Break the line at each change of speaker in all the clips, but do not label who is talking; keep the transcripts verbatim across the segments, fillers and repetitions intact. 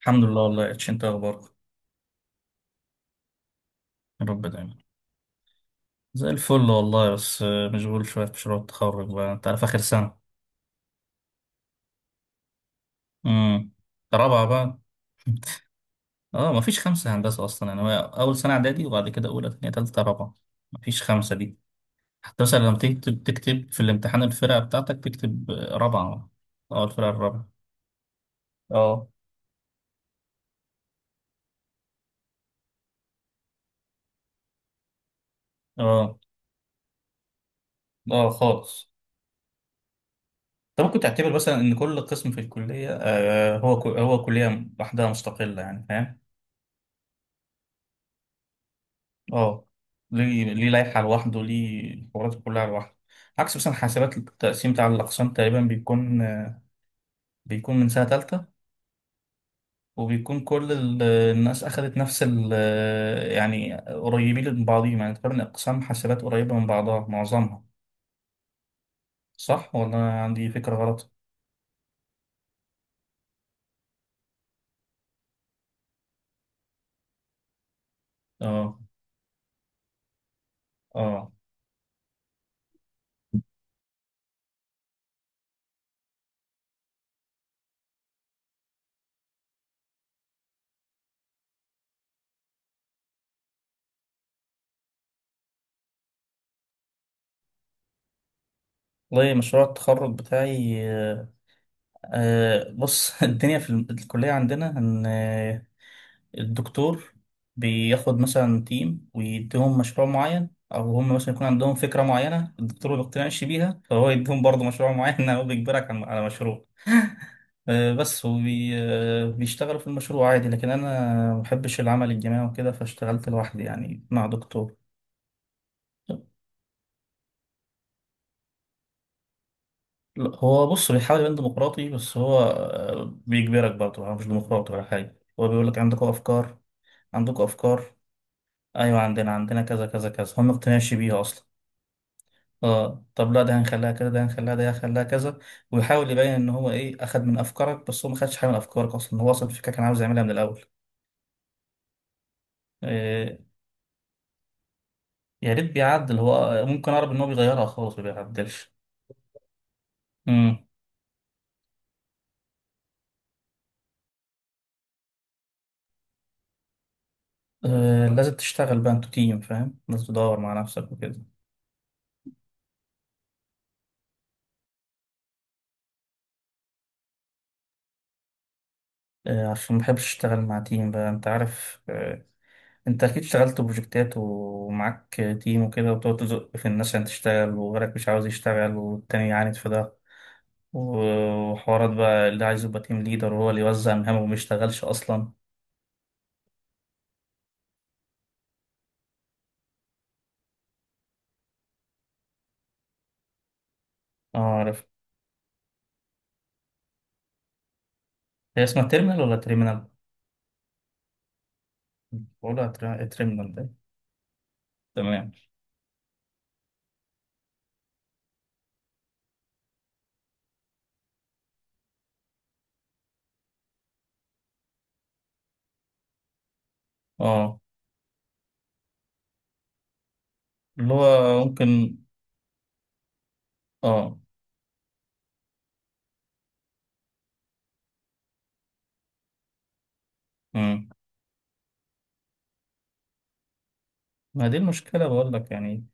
الحمد لله والله، يا اتش انت إيه اخبارك؟ يا رب دايما. زي الفل والله، بس آه، مشغول شويه في مشروع التخرج. بقى انت عارف، اخر سنه. امم. رابعه بقى. اه، مفيش خمسه هندسه اصلا، يعني هو اول سنه اعدادي وبعد كده اولى، ثانيه، ثالثه، رابعه. مفيش خمسه دي. حتى مثلا لما تكتب، تكتب في الامتحان الفرقه بتاعتك، تكتب آه، رابعه. اه، الفرقه الرابعه. اه. اه. اه، خالص. انت ممكن تعتبر مثلا ان كل قسم في الكليه، آه، هو هو كليه لوحدها مستقله، يعني فاهم. اه، ليه ليه لائحة لوحده، ليه الحوارات كلها لوحده. عكس مثلا حاسبات، التقسيم بتاع الأقسام تقريبا بيكون بيكون من سنة تالتة. وبيكون كل ال- الناس أخدت نفس ال. يعني قريبين من بعضهم، يعني تقريبا أقسام حاسبات قريبة من بعضها معظمها. صح ولا أنا عندي فكرة غلط؟ اه. اه. والله مشروع التخرج بتاعي، آه آه، بص. الدنيا في الكلية عندنا إن الدكتور بياخد مثلا تيم ويديهم مشروع معين، او هم مثلا يكون عندهم فكره معينه الدكتور ما بيقتنعش بيها، فهو يديهم برضه مشروع معين، او بيجبرك عن- على مشروع. آه، بس وبيشتغلوا في المشروع عادي، لكن انا ما بحبش العمل الجماعي وكده، فاشتغلت لوحدي يعني مع دكتور. لا، هو بص بيحاول يبان ديمقراطي، بس هو آه، بيجبرك برضه، هو مش ديمقراطي ولا حاجه. هو بيقول لك: عندكم افكار، عندكم افكار. ايوه، عندنا عندنا كذا كذا كذا، هم ما بيقتنعش بيها اصلا. اه، طب لا ده هنخليها كده، ده هنخليها، ده هنخليها كذا. ويحاول يبين ان هو ايه اخد من افكارك، بس هو ما خدش حاجه من افكارك اصلا، هو اصلا الفكره كان عاوز يعملها من الاول. إيه، يا ريت بيعدل، هو ممكن اعرف ان هو بيغيرها خالص، ما بيعدلش. امم. إيه، لازم تشتغل بقى انتوا تيم فاهم، لازم تدور مع نفسك وكده. إيه، عشان ما بحبش اشتغل مع تيم. بقى انت عارف إيه، انت اكيد اشتغلت بروجكتات ومعاك تيم وكده، وبتقعد تزق في الناس عشان تشتغل وغيرك مش عاوز يشتغل، والتاني يعاند في ده وحوارات بقى، اللي عايز يبقى تيم ليدر وهو اللي يوزع مهامه وما يشتغلش اصلا. اه، عارف. هي اسمها تيرمينال ولا تيرمينال؟ بقولها تر- تيرمينال ده. تمام. اه، اللي هو ممكن. اه. مم. ما دي المشكلة بقول لك يعني،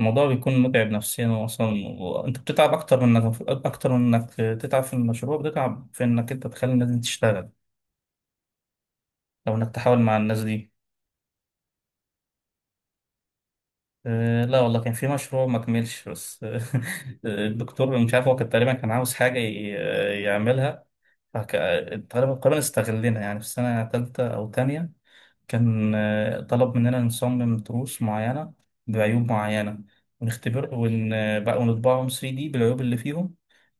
الموضوع بيكون متعب نفسيا اصلا. وانت بتتعب اكتر من انك اكتر من انك تتعب في المشروع، بتتعب في انك انت تخلي الناس دي تشتغل. او انك تحاول مع الناس دي. آه، لا والله، كان في مشروع ما كملش بس، آه، الدكتور مش عارف، هو كان تقريبا كان عاوز حاجة ي- آه، يعملها. فك- تقريبا تقريبا استغلنا يعني في سنة تالتة أو تانية. كان آه، طلب مننا نصمم تروس معينة بعيوب معينة، ونختبر ون... آه، بقى ونطبعهم ثري دي بالعيوب اللي فيهم،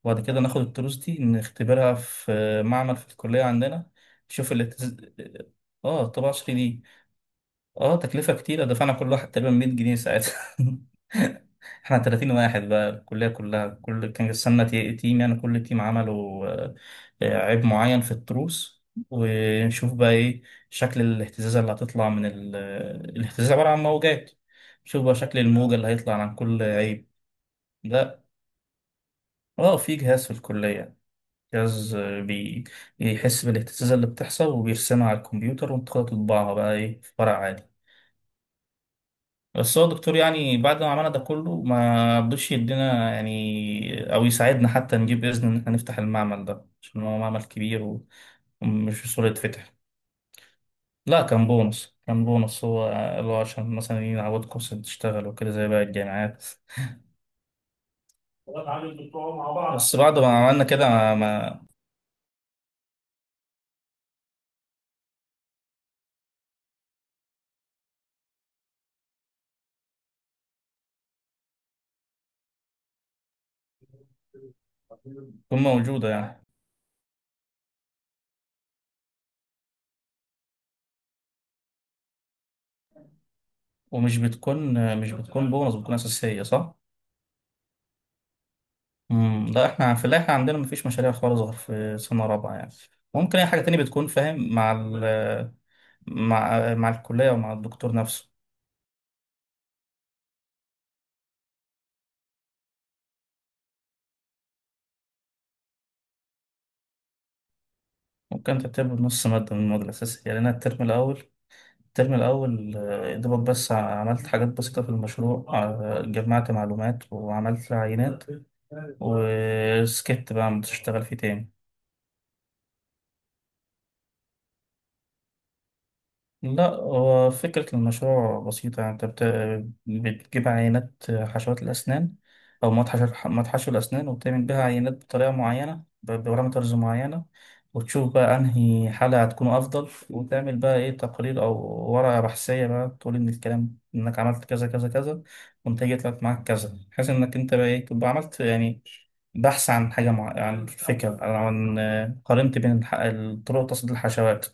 وبعد كده ناخد التروس دي نختبرها في آه، معمل في الكلية عندنا، نشوف اللي. اه، طباعة ثري دي. اه، تكلفة كتيرة، دفعنا كل واحد تقريبا مية جنيه ساعتها. احنا تلاتين واحد بقى الكلية كلها، كل، كان قسمنا تي- تيم، يعني كل تيم عملوا آه، آه، عيب معين في التروس، ونشوف بقى ايه شكل الاهتزازة اللي هتطلع من ال. الاهتزاز عبارة عن موجات، شوف بقى شكل الموجة اللي هيطلع عن كل عيب. لا. اه، في جهاز في الكلية، جهاز آه، بي... بيحس بالاهتزازة اللي بتحصل وبيرسمها على الكمبيوتر، وانت تطبعها بقى ايه في ورق. بس هو الدكتور يعني بعد ما عملنا ده كله، ما رضيش يدينا يعني او يساعدنا حتى نجيب اذن ان احنا نفتح المعمل ده، عشان هو معمل كبير و، ومش بسهوله يتفتح. لا، كان بونص، كان بونص هو، اللي هو عشان مثلا يعودكم عشان تشتغلوا وكده زي باقي الجامعات. بس بعد ما عملنا كده، ما ما- بتكون موجوده يعني. ومش بتكون مش بتكون بونص، بتكون اساسيه، صح. امم، لا، احنا في اللي احنا عندنا مفيش مشاريع خالص غير في سنة رابعة، يعني ممكن اي حاجة تانية بتكون فاهم مع ال، مع مع الكلية ومع الدكتور نفسه. ممكن تكتب نص مادة من المواد الأساسية، يعني أنا الترم الأول، الترم الأول آه، يا دوبك بس عملت حاجات بسيطة في المشروع، آه، جمعت معلومات وعملت عينات، وسكت بقى مش هشتغل فيه تاني. لا، هو فكرة المشروع بسيطة، يعني أنت بت... بتجيب عينات حشوات الأسنان، أو مواد حشو، مواد حشو الأسنان، وبتعمل بيها عينات بطريقة معينة، ب- ببارامترز معينة، وتشوف بقى أنهي حالة هتكون أفضل، وتعمل بقى إيه تقرير أو ورقة بحثية بقى تقول إن الكلام إنك عملت كذا كذا كذا، والنتيجة طلعت معاك كذا، بحيث إنك أنت بقى إيه تبقى عملت يعني بحث عن حاجة، مع... عن فكرة، عن عن- قارنت بين الح... طرق تصدير الحشوات.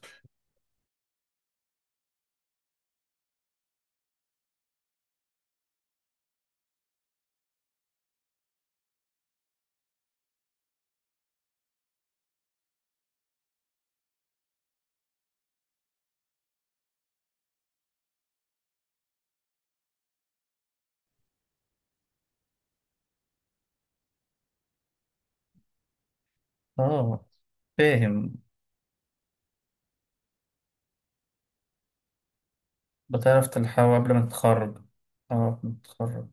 آه. فاهم. بتعرف تلحقه قبل ما تتخرج. اه، قبل ما تتخرج.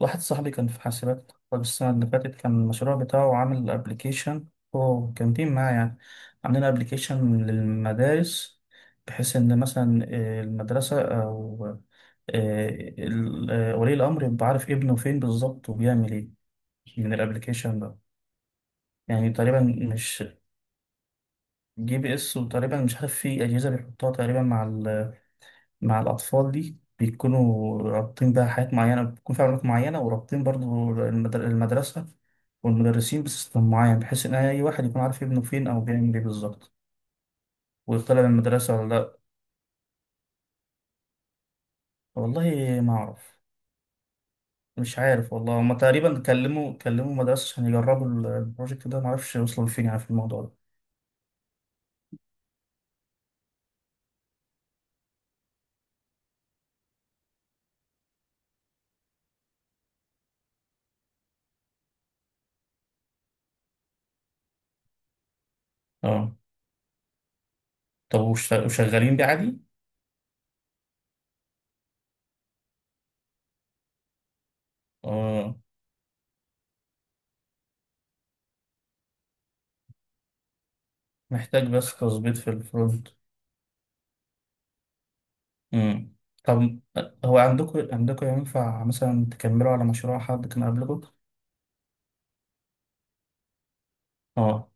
واحد صاحبي كان في حاسبات، اتخرج السنة اللي فاتت، كان المشروع بتاعه عامل ابلكيشن. هو كان تيم معاه يعني، عاملين ابلكيشن للمدارس، بحيث ان مثلا آه، المدرسة او آه، ال- آه، ولي الامر يبقى عارف ابنه فين بالظبط وبيعمل ايه من الابلكيشن ده، يعني تقريبا. مش. جي بي اس وتقريبا مش عارف، في اجهزة بيحطها تقريبا مع مع الأطفال دي، بيكونوا رابطين بقى حاجات معينة، بيكون في علاقات معينة، ورابطين برضو المدر- المدرسة والمدرسين بسيستم معين، بحيث إن أي واحد يكون عارف ابنه فين أو بيعمل إيه بالظبط، ويطلع من المدرسة ولا لأ. والله ما أعرف. مش عارف والله، هما تقريبا كلموا كلموا مدرسة عشان يجربوا ال- البروجكت ده، معرفش وصلوا لفين يعني في الموضوع ده. اه، طب وش- وشغالين بيه عادي؟ اه، محتاج بس تظبيط في الفرونت. امم. طب هو عندكم عندكم ينفع مثلا تكملوا على مشروع حد كان قبلكم؟ اه،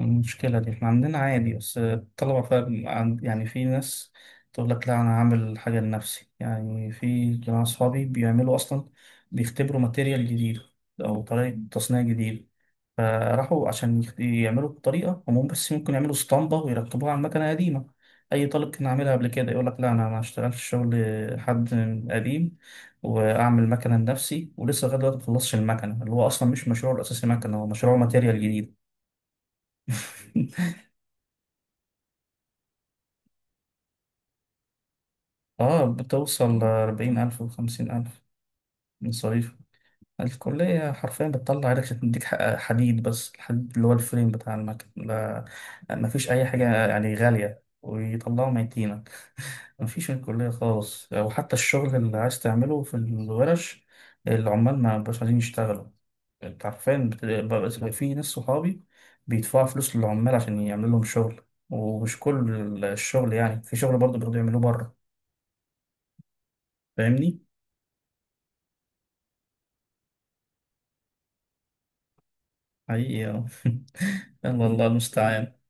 المشكلة دي احنا عندنا عادي، بس الطلبة فاهم عن- يعني في ناس تقول لك لا أنا هعمل حاجة لنفسي، يعني في جماعة صحابي بيعملوا أصلا بيختبروا ماتيريال جديد أو طريقة تصنيع جديدة، فراحوا عشان يخ- يعملوا الطريقة هم، بس ممكن يعملوا اسطمبة ويركبوها على مكنة قديمة. أي طالب كان عاملها قبل كده يقول لك: لا أنا ما أشتغلش شغل حد قديم، وأعمل مكنة لنفسي. ولسه لغاية دلوقتي ما خلصش المكنة، اللي هو أصلا مش مشروعه الأساسي مكنة، هو مشروعه ماتيريال جديد. آه بتوصل أربعين ألف وخمسين ألف مصاريف. الكلية حرفيا بتطلع عينك عشان تديك حق- حديد، بس الحديد اللي هو الفريم بتاع المكنة، لا- مفيش أي حاجة يعني غالية ويطلعوا ميتينة. مفيش الكلية خالص، أو حتى الشغل اللي عايز تعمله في الورش، العمال ما بقاش عايزين يشتغلوا. أنت عارفين، بت- بقى في ناس صحابي بيدفعوا فلوس للعمال عشان يعملوا لهم شغل، ومش كل الشغل يعني، في شغل برضه بيقدروا يعملوه بره، فاهمني؟ حقيقي. آه. يلا، الله المستعان.